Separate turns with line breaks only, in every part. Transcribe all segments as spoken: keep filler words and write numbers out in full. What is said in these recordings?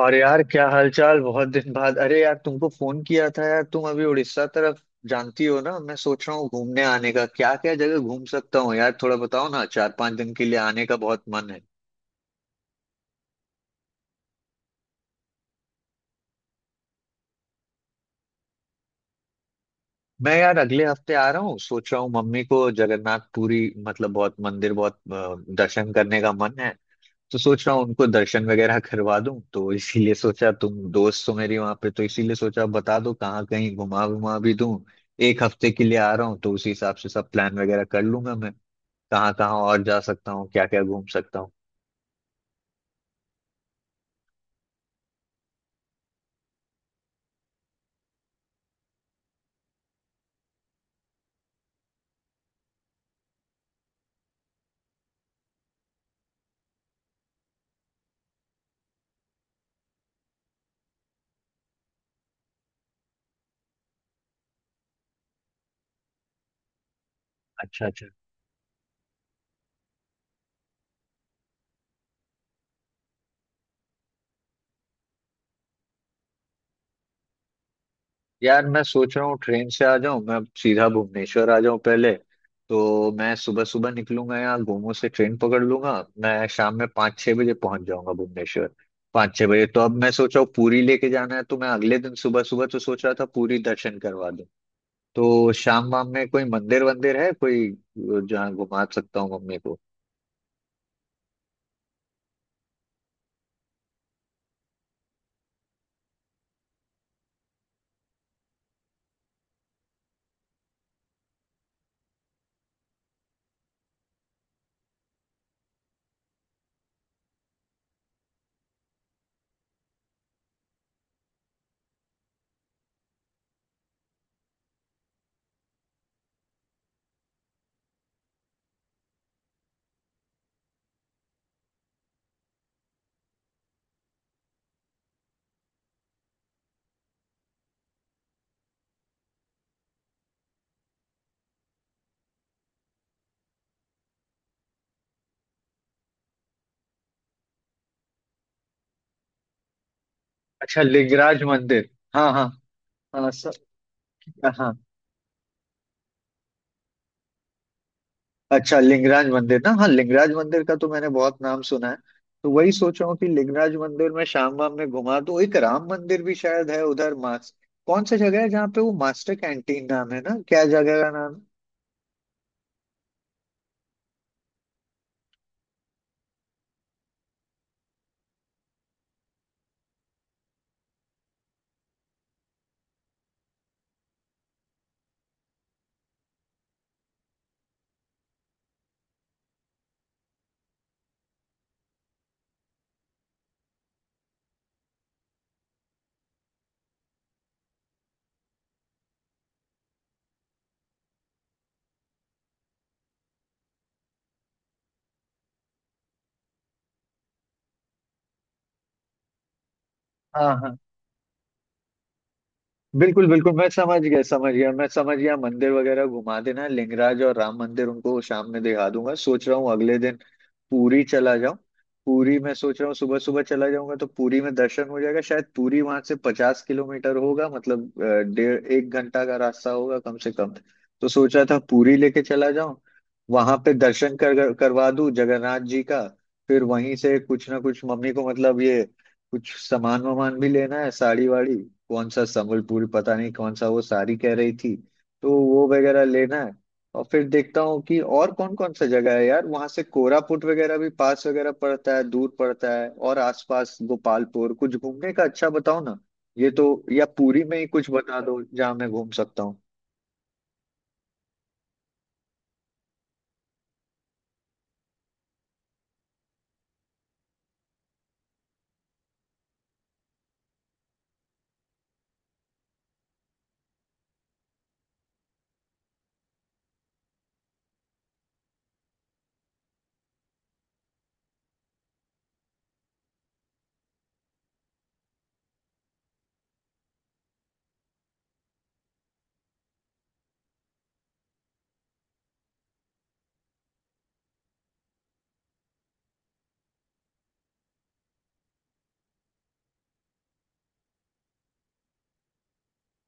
और यार, क्या हालचाल। बहुत दिन बाद। अरे यार तुमको फोन किया था। यार तुम अभी उड़ीसा तरफ। जानती हो ना, मैं सोच रहा हूँ घूमने आने का। क्या क्या जगह घूम सकता हूँ यार, थोड़ा बताओ ना। चार पांच दिन के लिए आने का बहुत मन है। मैं यार अगले हफ्ते आ रहा हूँ। सोच रहा हूँ मम्मी को जगन्नाथ पुरी, मतलब बहुत मंदिर, बहुत अ, दर्शन करने का मन है। तो सोच रहा हूँ उनको दर्शन वगैरह करवा दूं। तो इसीलिए सोचा तुम दोस्त हो मेरी वहां पे, तो इसीलिए सोचा बता दो कहाँ कहीं घुमा घुमा भी दूं। एक हफ्ते के लिए आ रहा हूँ, तो उसी हिसाब से सब प्लान वगैरह कर लूंगा मैं। कहाँ कहाँ और जा सकता हूँ, क्या क्या घूम सकता हूँ। अच्छा अच्छा। यार मैं सोच रहा हूँ ट्रेन से आ जाऊं। मैं अब सीधा भुवनेश्वर आ जाऊं पहले। तो मैं सुबह सुबह निकलूंगा, यहाँ गोमो से ट्रेन पकड़ लूंगा। मैं शाम में पाँच छह बजे पहुंच जाऊंगा भुवनेश्वर। पाँच छह बजे, तो अब मैं सोच रहा हूँ पूरी लेके जाना है, तो मैं अगले दिन सुबह सुबह, तो सोच रहा था पूरी दर्शन करवा दूं। तो शाम वाम में कोई मंदिर वंदिर है कोई, अ, जहाँ घुमा सकता हूँ मम्मी को। अच्छा, लिंगराज मंदिर। हाँ हाँ। हाँ सब। हाँ। अच्छा लिंगराज मंदिर ना। हाँ, लिंगराज मंदिर का तो मैंने बहुत नाम सुना है। तो वही सोच रहा हूँ कि लिंगराज मंदिर में शाम वाम में घुमा दूँ। एक राम मंदिर भी शायद है उधर मास, कौन सा जगह है जहाँ पे वो मास्टर कैंटीन नाम है ना, क्या जगह का नाम है? हाँ हाँ। बिल्कुल बिल्कुल, मैं समझ गया, समझ गया, मैं समझ गया। मंदिर वगैरह घुमा देना, लिंगराज और राम मंदिर उनको शाम में दिखा दूंगा। सोच रहा हूँ अगले दिन पूरी चला जाऊं। पूरी मैं सोच रहा हूँ सुबह सुबह चला जाऊंगा, तो पूरी में दर्शन हो जाएगा शायद। पूरी वहां से पचास किलोमीटर होगा, मतलब अ, डेढ़ एक घंटा का रास्ता होगा कम से कम। तो सोच रहा था पूरी लेके चला जाऊं। वहां पे दर्शन कर करवा दूं जगन्नाथ जी का। फिर वहीं से कुछ ना कुछ मम्मी को, मतलब ये कुछ सामान वामान भी लेना है, साड़ी वाड़ी। कौन सा संबलपुर, पता नहीं कौन सा वो साड़ी कह रही थी। तो वो वगैरह लेना है। और फिर देखता हूँ कि और कौन कौन सा जगह है यार। वहां से कोरापुट वगैरह भी पास वगैरह पड़ता है, दूर पड़ता है। और आसपास गोपालपुर कुछ घूमने का अच्छा बताओ ना ये तो। या पुरी में ही कुछ बता दो जहाँ मैं घूम सकता हूँ।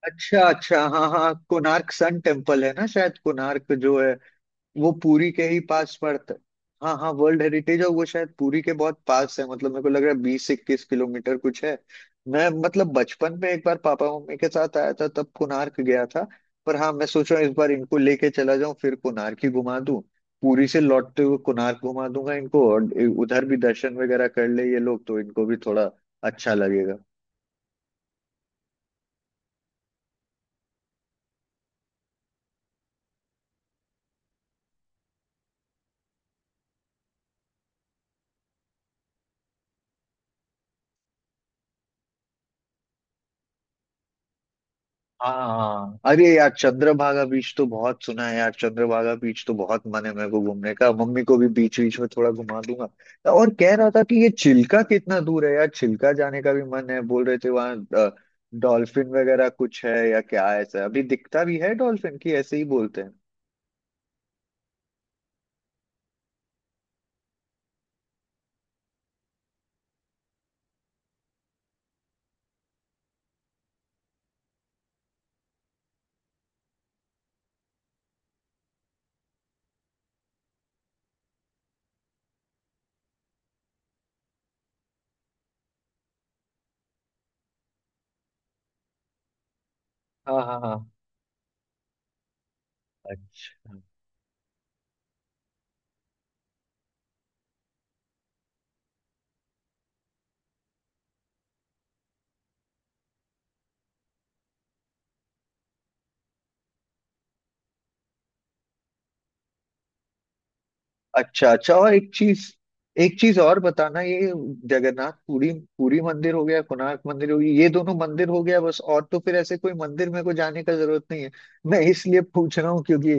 अच्छा अच्छा। हाँ हाँ, कोणार्क सन टेम्पल है ना शायद। कोणार्क जो है वो पुरी के ही पास पड़ता है। हाँ हाँ, वर्ल्ड हेरिटेज है वो, शायद पुरी के बहुत पास है। मतलब मेरे को लग रहा है बीस इक्कीस किलोमीटर कुछ है। मैं मतलब बचपन में एक बार पापा मम्मी के साथ आया था, तब कोणार्क गया था। पर हाँ, मैं सोच रहा हूँ इस बार इनको लेके चला जाऊं, फिर कोणार्क ही घुमा दूं। पुरी से लौटते हुए कोणार्क घुमा दूंगा इनको। और उधर भी दर्शन वगैरह कर ले ये लोग, तो इनको भी थोड़ा अच्छा लगेगा। हाँ, अरे यार चंद्रभागा बीच तो बहुत सुना है यार। चंद्रभागा बीच तो बहुत मन है मेरे को घूमने का। मम्मी को भी बीच बीच में थोड़ा घुमा दूंगा। और कह रहा था कि ये चिल्का कितना दूर है यार, चिल्का जाने का भी मन है। बोल रहे थे वहाँ डॉल्फिन वगैरह कुछ है या क्या है, ऐसा अभी दिखता भी है डॉल्फिन की, ऐसे ही बोलते हैं। हाँ हाँ हाँ। अच्छा। अच्छा अच्छा, और एक चीज, एक चीज और बताना ये। जगन्नाथ पुरी, पुरी मंदिर हो गया, कोणार्क मंदिर हो गया, ये दोनों मंदिर हो गया बस। और तो फिर ऐसे कोई मंदिर मेरे को जाने का जरूरत नहीं है। मैं इसलिए पूछ रहा हूँ क्योंकि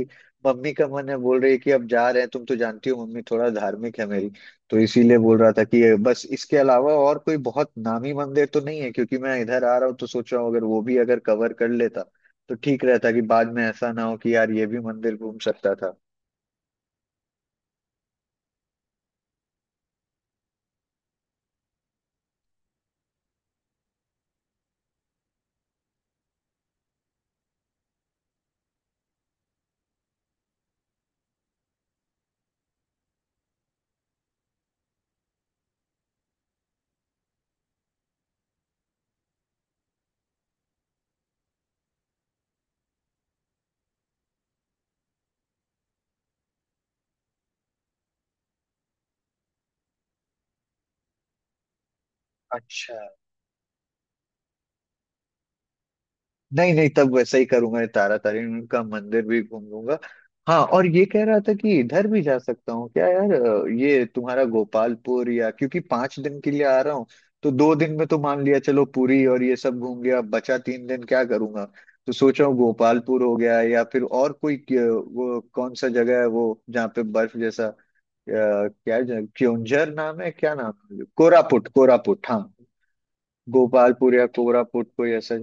मम्मी का मन है, बोल रही है कि अब जा रहे हैं। तुम तो जानती हो मम्मी थोड़ा धार्मिक है मेरी। तो इसीलिए बोल रहा था कि ये बस, इसके अलावा और कोई बहुत नामी मंदिर तो नहीं है। क्योंकि मैं इधर आ रहा हूँ, तो सोच रहा हूँ अगर वो भी अगर कवर कर लेता तो ठीक रहता। कि बाद में ऐसा ना हो कि यार ये भी मंदिर घूम सकता था। अच्छा। नहीं नहीं, तब वैसा ही करूंगा। ये तारा तारिणी का मंदिर भी घूम लूंगा। हाँ, और ये कह रहा था कि इधर भी जा सकता हूँ क्या यार। अ, ये तुम्हारा गोपालपुर या, क्योंकि पांच दिन के लिए आ रहा हूँ। तो दो दिन में तो मान लिया चलो पुरी और ये सब घूम गया, अब बचा तीन दिन क्या करूंगा। तो सोच रहा हूँ गोपालपुर हो गया, या फिर और कोई, क- वो कौन सा जगह है वो जहाँ पे बर्फ जैसा, अ, क्या है? क्योंझर नाम है क्या? नाम है कोरापुट, कोरापुट, हाँ। गोपालपुर या कोरापुट, कोई ऐसा।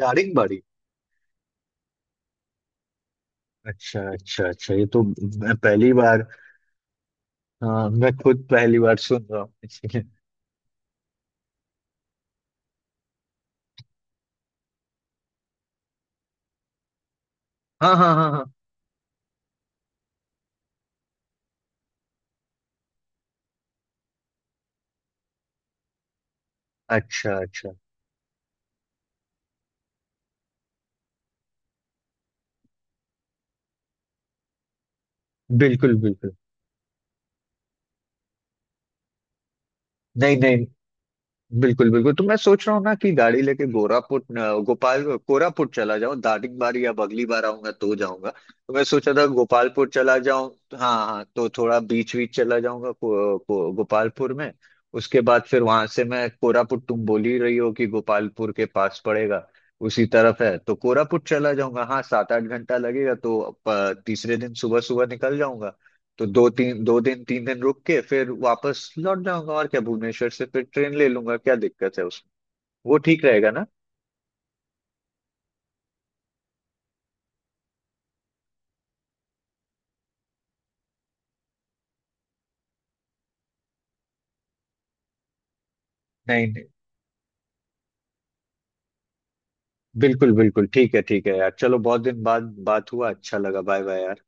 दारिंगबाड़ी। अच्छा अच्छा अच्छा, ये तो मैं पहली बार, हाँ मैं खुद पहली बार सुन रहा हूँ इसलिए। हाँ हाँ हाँ हाँ। अच्छा अच्छा। बिल्कुल बिल्कुल। नहीं नहीं, बिल्कुल बिल्कुल, तो मैं सोच रहा हूँ ना कि गाड़ी लेके गोरापुट अ, गोपाल कोरापुट चला जाऊँ। दार्जिलिंग बार, या अगली बार आऊंगा तो जाऊंगा, तो मैं सोचा था गोपालपुर चला जाऊँ। हाँ हाँ, तो थोड़ा बीच बीच चला जाऊंगा को, को, गोपालपुर में। उसके बाद फिर वहां से मैं कोरापुट, तुम बोल ही रही हो कि गोपालपुर के पास पड़ेगा, उसी तरफ है, तो कोरापुट चला जाऊंगा। हाँ सात आठ घंटा लगेगा, तो अ, तीसरे दिन सुबह सुबह निकल जाऊंगा। तो दो तीन दो दिन तीन दिन रुक के फिर वापस लौट जाऊंगा। और क्या, भुवनेश्वर से फिर ट्रेन ले लूंगा, क्या दिक्कत है उसमें। वो ठीक रहेगा ना। नहीं नहीं, बिल्कुल बिल्कुल, ठीक है ठीक है यार। चलो बहुत दिन बाद बात हुआ, अच्छा लगा, बाय बाय यार।